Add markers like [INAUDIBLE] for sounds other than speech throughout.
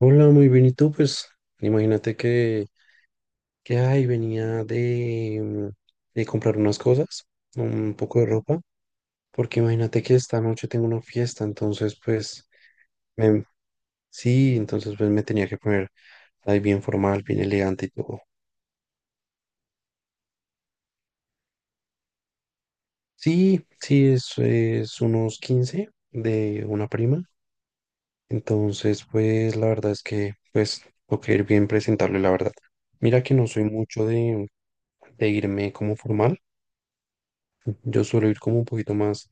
Hola, muy bien. ¿Y tú? Pues imagínate que ay, venía de comprar unas cosas, un poco de ropa, porque imagínate que esta noche tengo una fiesta, entonces pues me- sí, entonces pues me tenía que poner ahí bien formal, bien elegante y todo. Sí, sí, es unos 15 de una prima, entonces pues la verdad es que pues tengo que ir bien presentable, la verdad. Mira que no soy mucho de irme como formal. Yo suelo ir como un poquito más.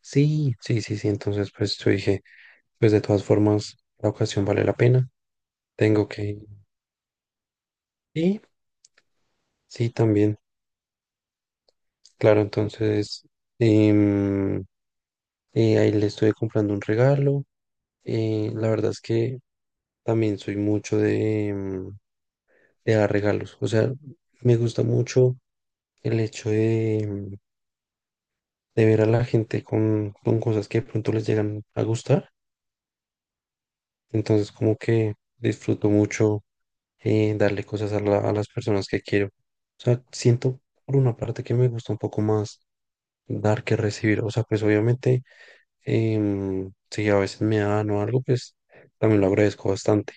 Sí, sí, sí, sí. Entonces, pues yo dije, pues de todas formas, la ocasión vale la pena. Tengo que, sí, sí, también. Claro, entonces, em, ahí le estuve comprando un regalo. La verdad es que también soy mucho de dar regalos. O sea, me gusta mucho el hecho de ver a la gente con cosas que de pronto les llegan a gustar. Entonces, como que disfruto mucho darle cosas a las personas que quiero. O sea, siento por una parte que me gusta un poco más dar que recibir. O sea, pues obviamente, si a veces me dan o algo, pues también lo agradezco bastante.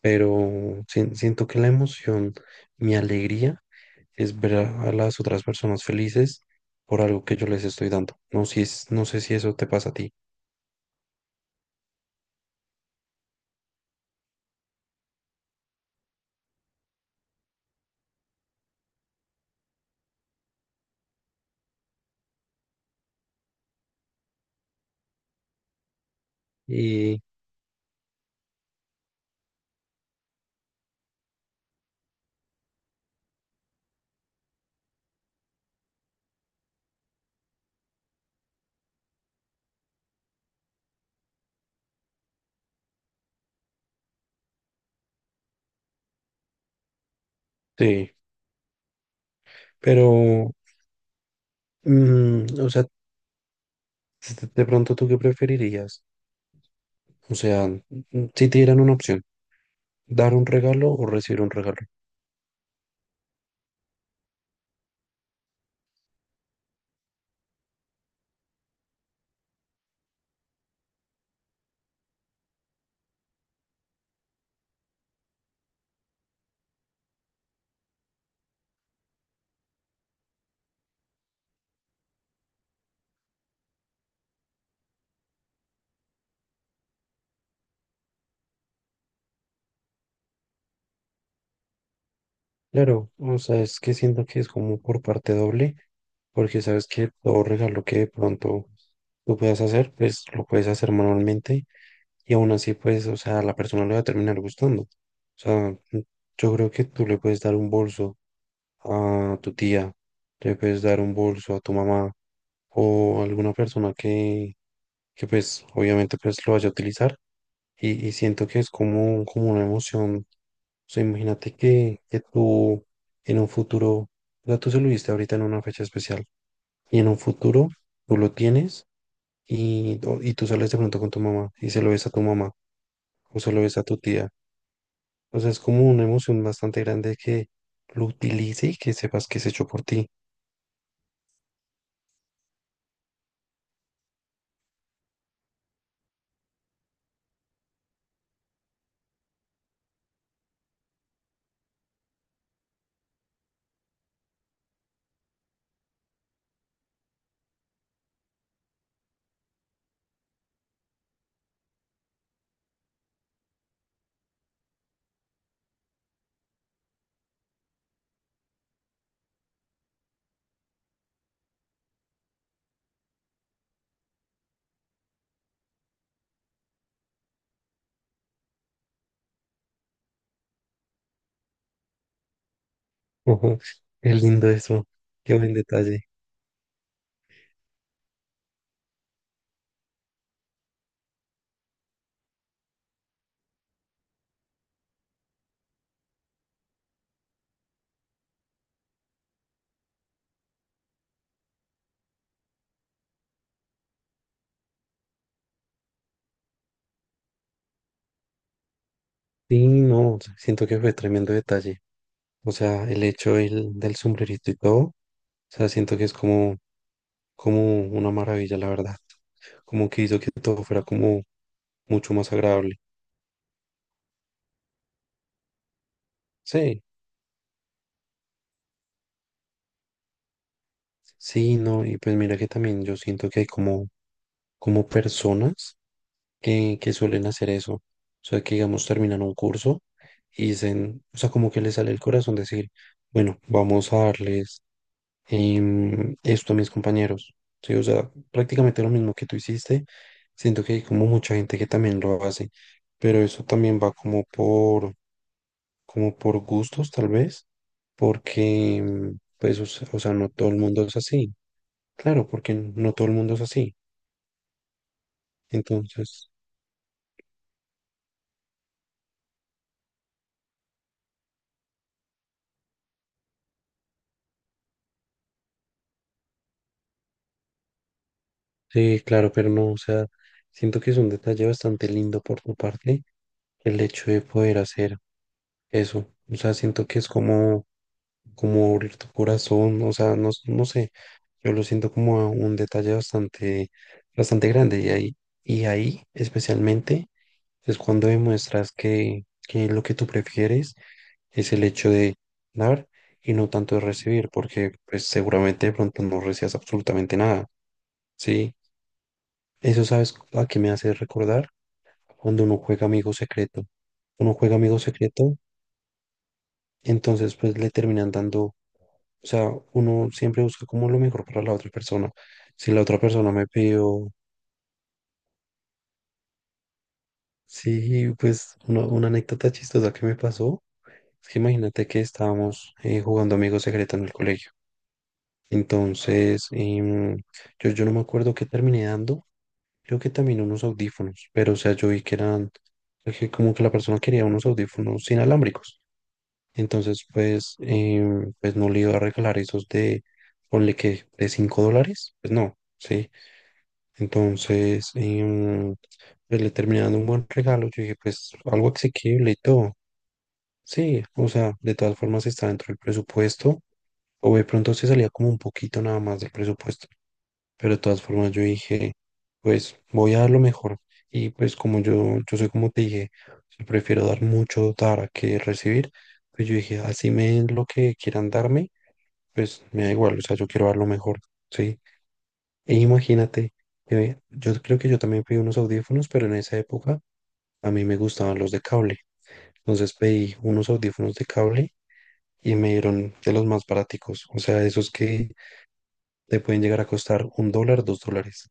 Pero siento que la emoción, mi alegría, es ver a las otras personas felices por algo que yo les estoy dando. No, si es, no sé si eso te pasa a ti. Y sí, pero, o sea, de pronto, ¿tú qué preferirías? O sea, si te dieran una opción, dar un regalo o recibir un regalo. Claro, o sea, es que siento que es como por parte doble, porque sabes que todo regalo que de pronto tú puedas hacer, pues lo puedes hacer manualmente y aún así, pues, o sea, a la persona le va a terminar gustando. O sea, yo creo que tú le puedes dar un bolso a tu tía, le puedes dar un bolso a tu mamá o a alguna persona que pues, obviamente, pues lo vaya a utilizar y siento que es como, como una emoción. O sea, imagínate que tú en un futuro, o sea, tú se lo diste ahorita en una fecha especial y en un futuro tú lo tienes y tú sales de pronto con tu mamá y se lo ves a tu mamá o se lo ves a tu tía. O sea, es como una emoción bastante grande que lo utilice y que sepas que es hecho por ti. Ujú, qué lindo eso, qué buen detalle. Sí, no, siento que fue tremendo detalle. O sea, el hecho del sombrerito y todo, o sea, siento que es como una maravilla, la verdad. Como que hizo que todo fuera como mucho más agradable. Sí, sí, no, y pues mira que también yo siento que hay como personas que suelen hacer eso. O sea, que digamos, terminan un curso y dicen, o sea, como que les sale el corazón decir, bueno, vamos a darles esto a mis compañeros. Sí, o sea, prácticamente lo mismo que tú hiciste. Siento que hay como mucha gente que también lo hace, pero eso también va como por gustos, tal vez, porque, pues, o sea, no todo el mundo es así. Claro, porque no todo el mundo es así. Entonces. Sí, claro, pero no, o sea, siento que es un detalle bastante lindo por tu parte el hecho de poder hacer eso. O sea, siento que es como abrir tu corazón, o sea, no, no sé, yo lo siento como a un detalle bastante, bastante grande y ahí especialmente es cuando demuestras que lo que tú prefieres es el hecho de dar y no tanto de recibir, porque pues seguramente de pronto no recibas absolutamente nada, ¿sí? Eso, ¿sabes a qué me hace recordar? Cuando uno juega amigo secreto. Uno juega amigo secreto, entonces pues le terminan dando, o sea, uno siempre busca como lo mejor para la otra persona. Si la otra persona me pidió, sí, pues una anécdota chistosa que me pasó, es que imagínate que estábamos jugando amigo secreto en el colegio. Entonces, yo no me acuerdo qué terminé dando, creo que también unos audífonos, pero o sea, yo vi que eran, que como que la persona quería unos audífonos inalámbricos. Entonces, pues, pues no le iba a regalar esos de, ponle que, de $5, pues no, ¿sí? Entonces, pues le terminé dando un buen regalo, yo dije, pues algo asequible y todo, sí, o sea, de todas formas está dentro del presupuesto, o de pronto se salía como un poquito nada más del presupuesto, pero de todas formas yo dije, pues voy a dar lo mejor. Y pues como yo soy como te dije, yo prefiero dar mucho dar que recibir, pues yo dije, así me den lo que quieran darme, pues me da igual, o sea, yo quiero dar lo mejor, ¿sí? E imagínate, yo creo que yo también pedí unos audífonos, pero en esa época a mí me gustaban los de cable. Entonces pedí unos audífonos de cable y me dieron de los más baraticos, o sea, esos que te pueden llegar a costar $1, $2.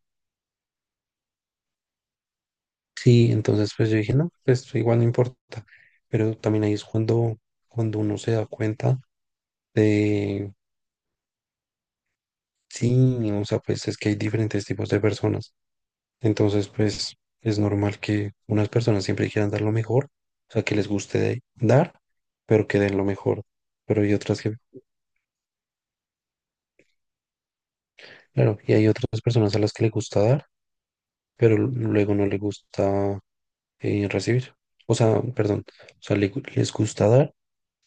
Sí, entonces pues yo dije, no, pues igual no importa. Pero también ahí es cuando uno se da cuenta de, sí, o sea, pues es que hay diferentes tipos de personas. Entonces, pues es normal que unas personas siempre quieran dar lo mejor, o sea, que les guste dar, pero que den lo mejor. Pero hay otras que, claro, y hay otras personas a las que les gusta dar, pero luego no les gusta recibir. O sea, perdón, o sea, les gusta dar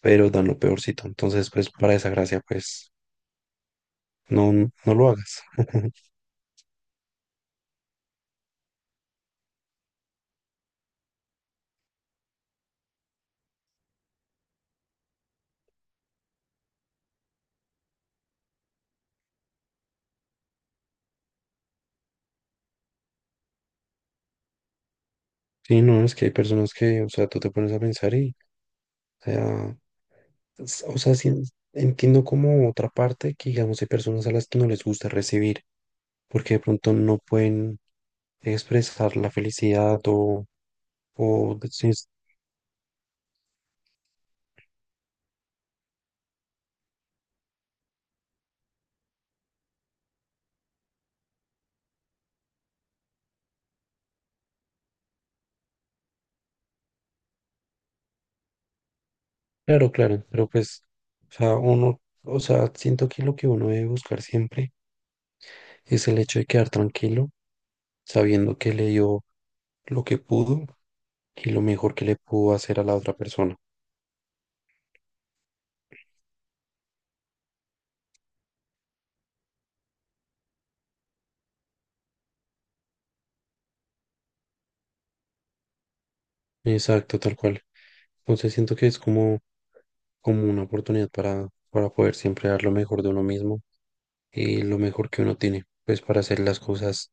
pero dan lo peorcito. Entonces, pues para esa gracia, pues no, no no lo hagas. [LAUGHS] Sí, no, es que hay personas que, o sea, tú te pones a pensar y, o sea, o sea, sí entiendo como otra parte que, digamos, hay personas a las que no les gusta recibir, porque de pronto no pueden expresar la felicidad o, decir, claro, claro, pero pues, o sea, uno, o sea, siento que lo que uno debe buscar siempre es el hecho de quedar tranquilo, sabiendo que le dio lo que pudo y lo mejor que le pudo hacer a la otra persona. Exacto, tal cual. Entonces siento que es como una oportunidad para poder siempre dar lo mejor de uno mismo y lo mejor que uno tiene, pues para hacer las cosas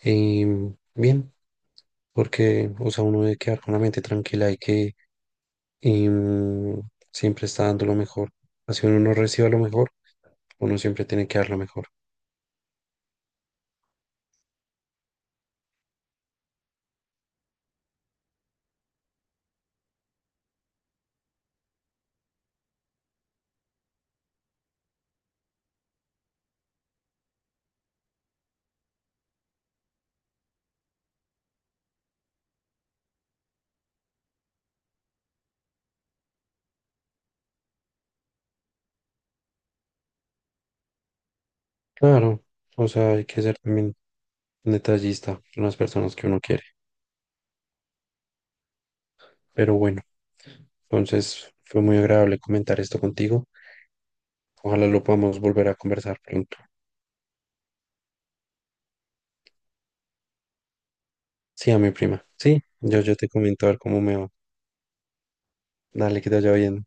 bien, porque, o sea, uno debe quedar con la mente tranquila y que em, siempre está dando lo mejor. Así uno no reciba lo mejor, uno siempre tiene que dar lo mejor. Claro, o sea, hay que ser también detallista con las personas que uno quiere. Pero bueno, entonces fue muy agradable comentar esto contigo. Ojalá lo podamos volver a conversar pronto. Sí, a mi prima. Sí, yo te comento a ver cómo me va. Dale, que te vaya bien.